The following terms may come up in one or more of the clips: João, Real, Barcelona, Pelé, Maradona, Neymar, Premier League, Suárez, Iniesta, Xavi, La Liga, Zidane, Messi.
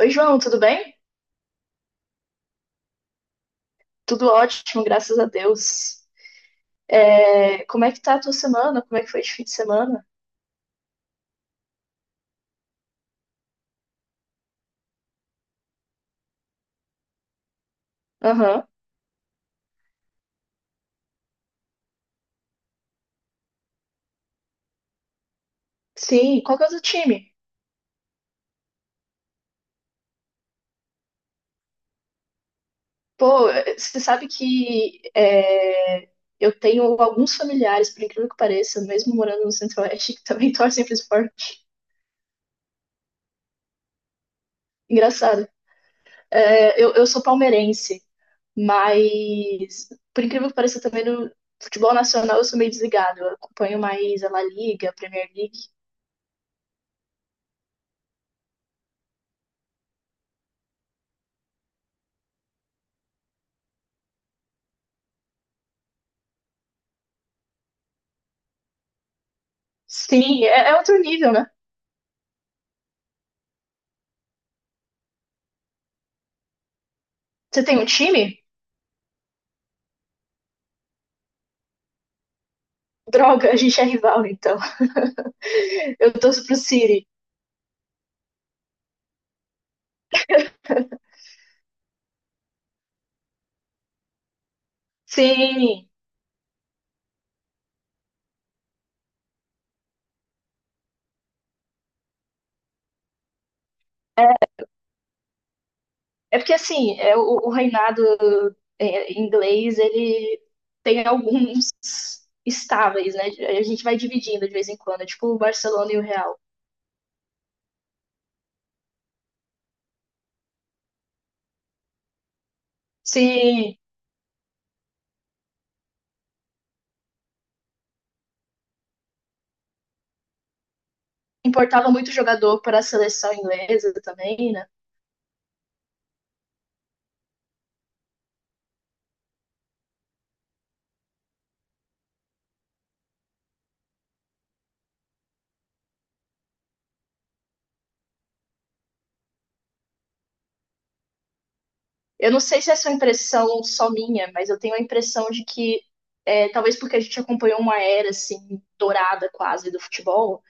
Oi, João, tudo bem? Tudo ótimo, graças a Deus. Como é que tá a tua semana? Como é que foi de fim de semana? Aham. Sim, qual que é o teu time? Pô, você sabe eu tenho alguns familiares, por incrível que pareça, mesmo morando no Centro-Oeste, que também torcem pro esporte. Engraçado. Eu sou palmeirense, mas por incrível que pareça, também no futebol nacional eu sou meio desligado. Eu acompanho mais a La Liga, a Premier League. Sim, é outro nível, né? Você tem um time? Droga, a gente é rival, então. Eu torço pro City. Sim, é porque assim, o reinado inglês, ele tem alguns estáveis, né? A gente vai dividindo de vez em quando, é tipo o Barcelona e o Real. Sim, importava muito jogador para a seleção inglesa também, né? Eu não sei se essa é uma impressão só minha, mas eu tenho a impressão de que, talvez porque a gente acompanhou uma era, assim, dourada quase do futebol,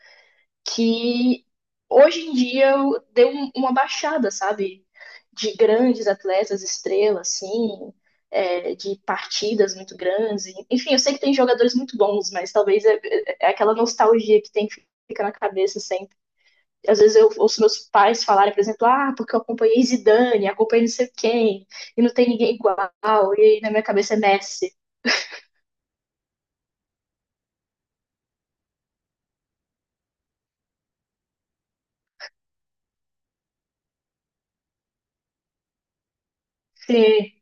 que hoje em dia uma baixada, sabe? De grandes atletas, estrelas, assim, de partidas muito grandes. Enfim, eu sei que tem jogadores muito bons, mas talvez é aquela nostalgia que tem que ficar na cabeça sempre. Às vezes eu ouço meus pais falarem, por exemplo, ah, porque eu acompanhei Zidane, acompanhei não sei quem, e não tem ninguém igual, e aí na minha cabeça é Messi. Sim,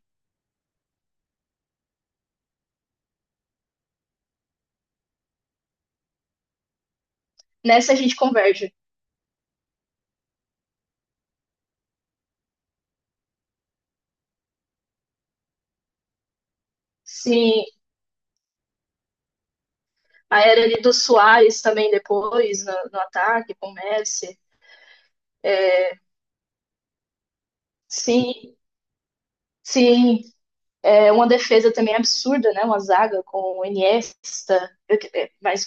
nessa a gente converge. Sim, a era ali do Suárez também depois, no ataque, com o Messi. Sim, sim. É uma defesa também absurda, né? Uma zaga com o Iniesta, mais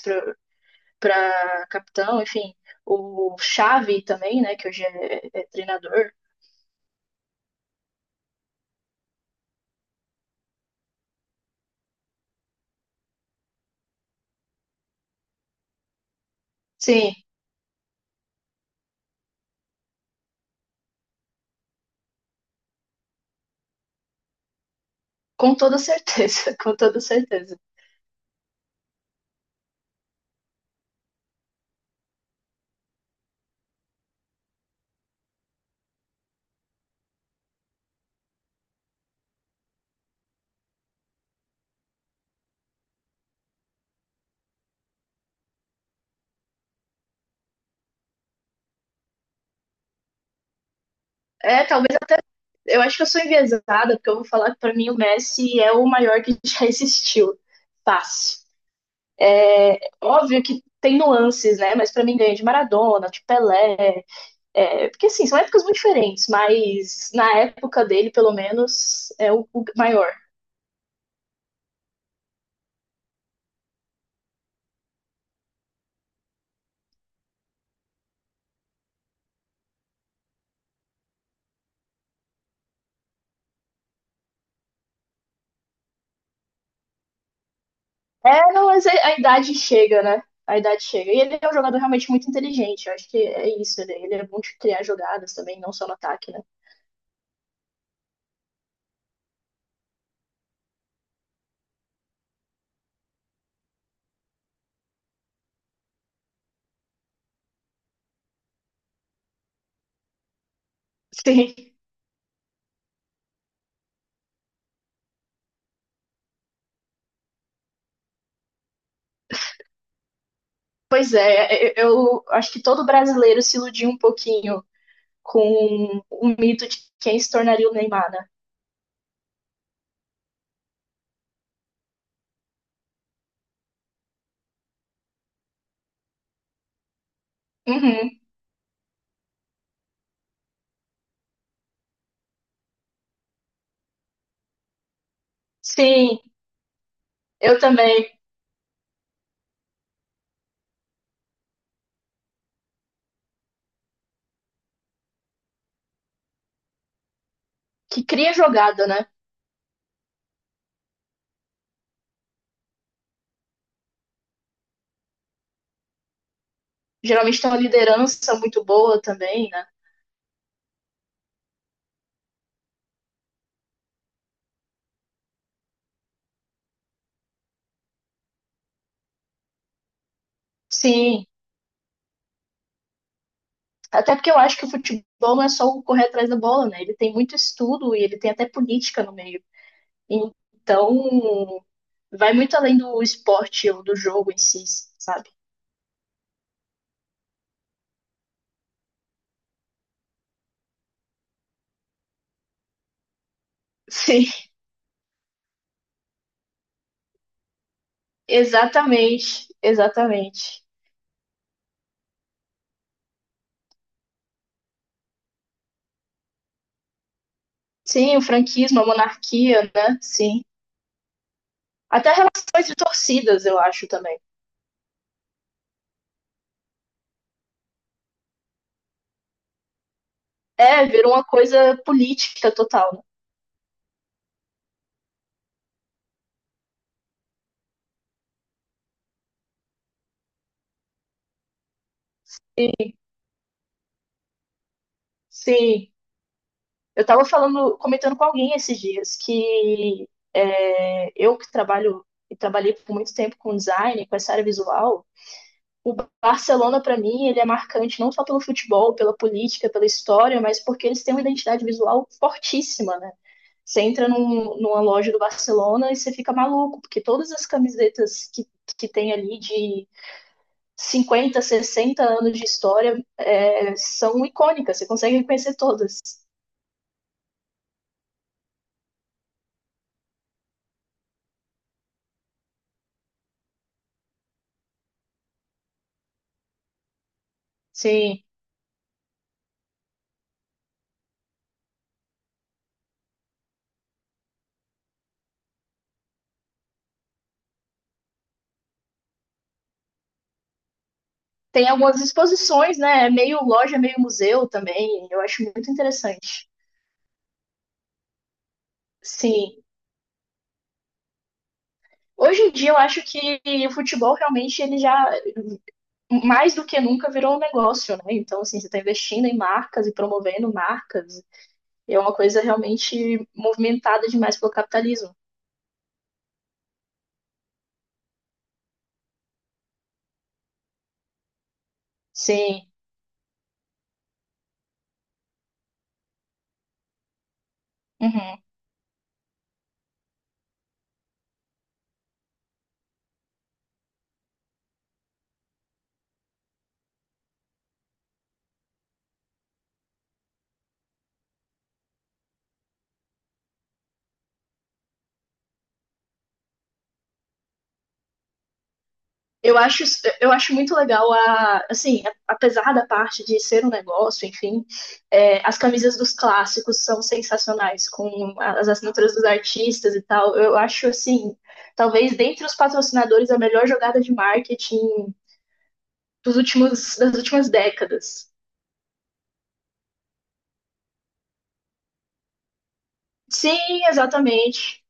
para capitão, enfim. O Xavi também, né? Que hoje é treinador. Sim, com toda certeza, com toda certeza. É, talvez eu acho que eu sou enviesada, porque eu vou falar que para mim o Messi é o maior que já existiu. Fácil. É, óbvio que tem nuances, né? Mas pra mim ganha de Maradona, de Pelé. É, porque assim, são épocas muito diferentes, mas na época dele, pelo menos, o maior. É, não, mas a idade chega, né? A idade chega. E ele é um jogador realmente muito inteligente. Eu acho que é isso. Ele é bom de criar jogadas também, não só no ataque, né? Sim. Pois é, eu acho que todo brasileiro se iludiu um pouquinho com o mito de quem se tornaria o Neymar, né? Uhum. Sim, eu também. Que cria jogada, né? Geralmente tem uma liderança muito boa também, né? Sim, até porque eu acho que o futebol não é só o correr atrás da bola, né? Ele tem muito estudo e ele tem até política no meio. Então, vai muito além do esporte ou do jogo em si, sabe? Sim, exatamente, exatamente. Sim, o franquismo, a monarquia, né? Sim. Até relações de torcidas, eu acho também. É, virou uma coisa política total. Né? Sim, sim. Eu estava falando, comentando com alguém esses dias que eu que trabalho e trabalhei por muito tempo com design, com essa área visual, o Barcelona para mim ele é marcante não só pelo futebol, pela política, pela história, mas porque eles têm uma identidade visual fortíssima, né? Você entra numa loja do Barcelona e você fica maluco, porque todas as camisetas que tem ali de 50, 60 anos de história são icônicas, você consegue reconhecer todas. Sim. Tem algumas exposições, né? É meio loja, meio museu também. Eu acho muito interessante. Sim. Hoje em dia eu acho que o futebol realmente ele já mais do que nunca virou um negócio, né? Então assim, você está investindo em marcas e promovendo marcas. E é uma coisa realmente movimentada demais pelo capitalismo. Sim. Uhum. Eu acho, eu acho muito legal assim, apesar da parte de ser um negócio, enfim, as camisas dos clássicos são sensacionais, com as assinaturas dos artistas e tal. Eu acho assim, talvez dentre os patrocinadores a melhor jogada de marketing das últimas décadas. Sim, exatamente,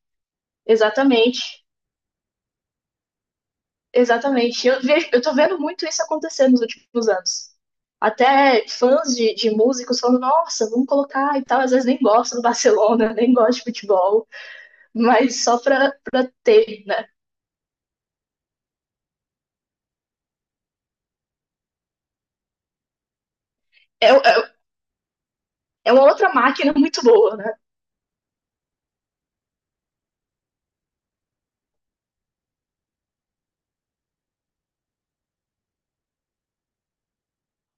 exatamente. Exatamente. Eu tô vendo muito isso acontecer nos últimos anos. Até fãs de músicos falando, nossa, vamos colocar e tal. Às vezes nem gosto do Barcelona, nem gosto de futebol, mas só pra ter, né? É, é, é uma outra máquina muito boa, né?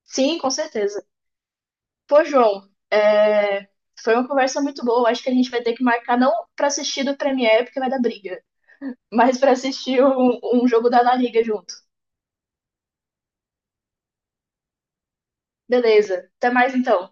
Sim, com certeza. Pô, João, foi uma conversa muito boa. Acho que a gente vai ter que marcar, não pra assistir do Premier, porque vai dar briga, mas pra assistir um jogo da La Liga junto. Beleza. Até mais então.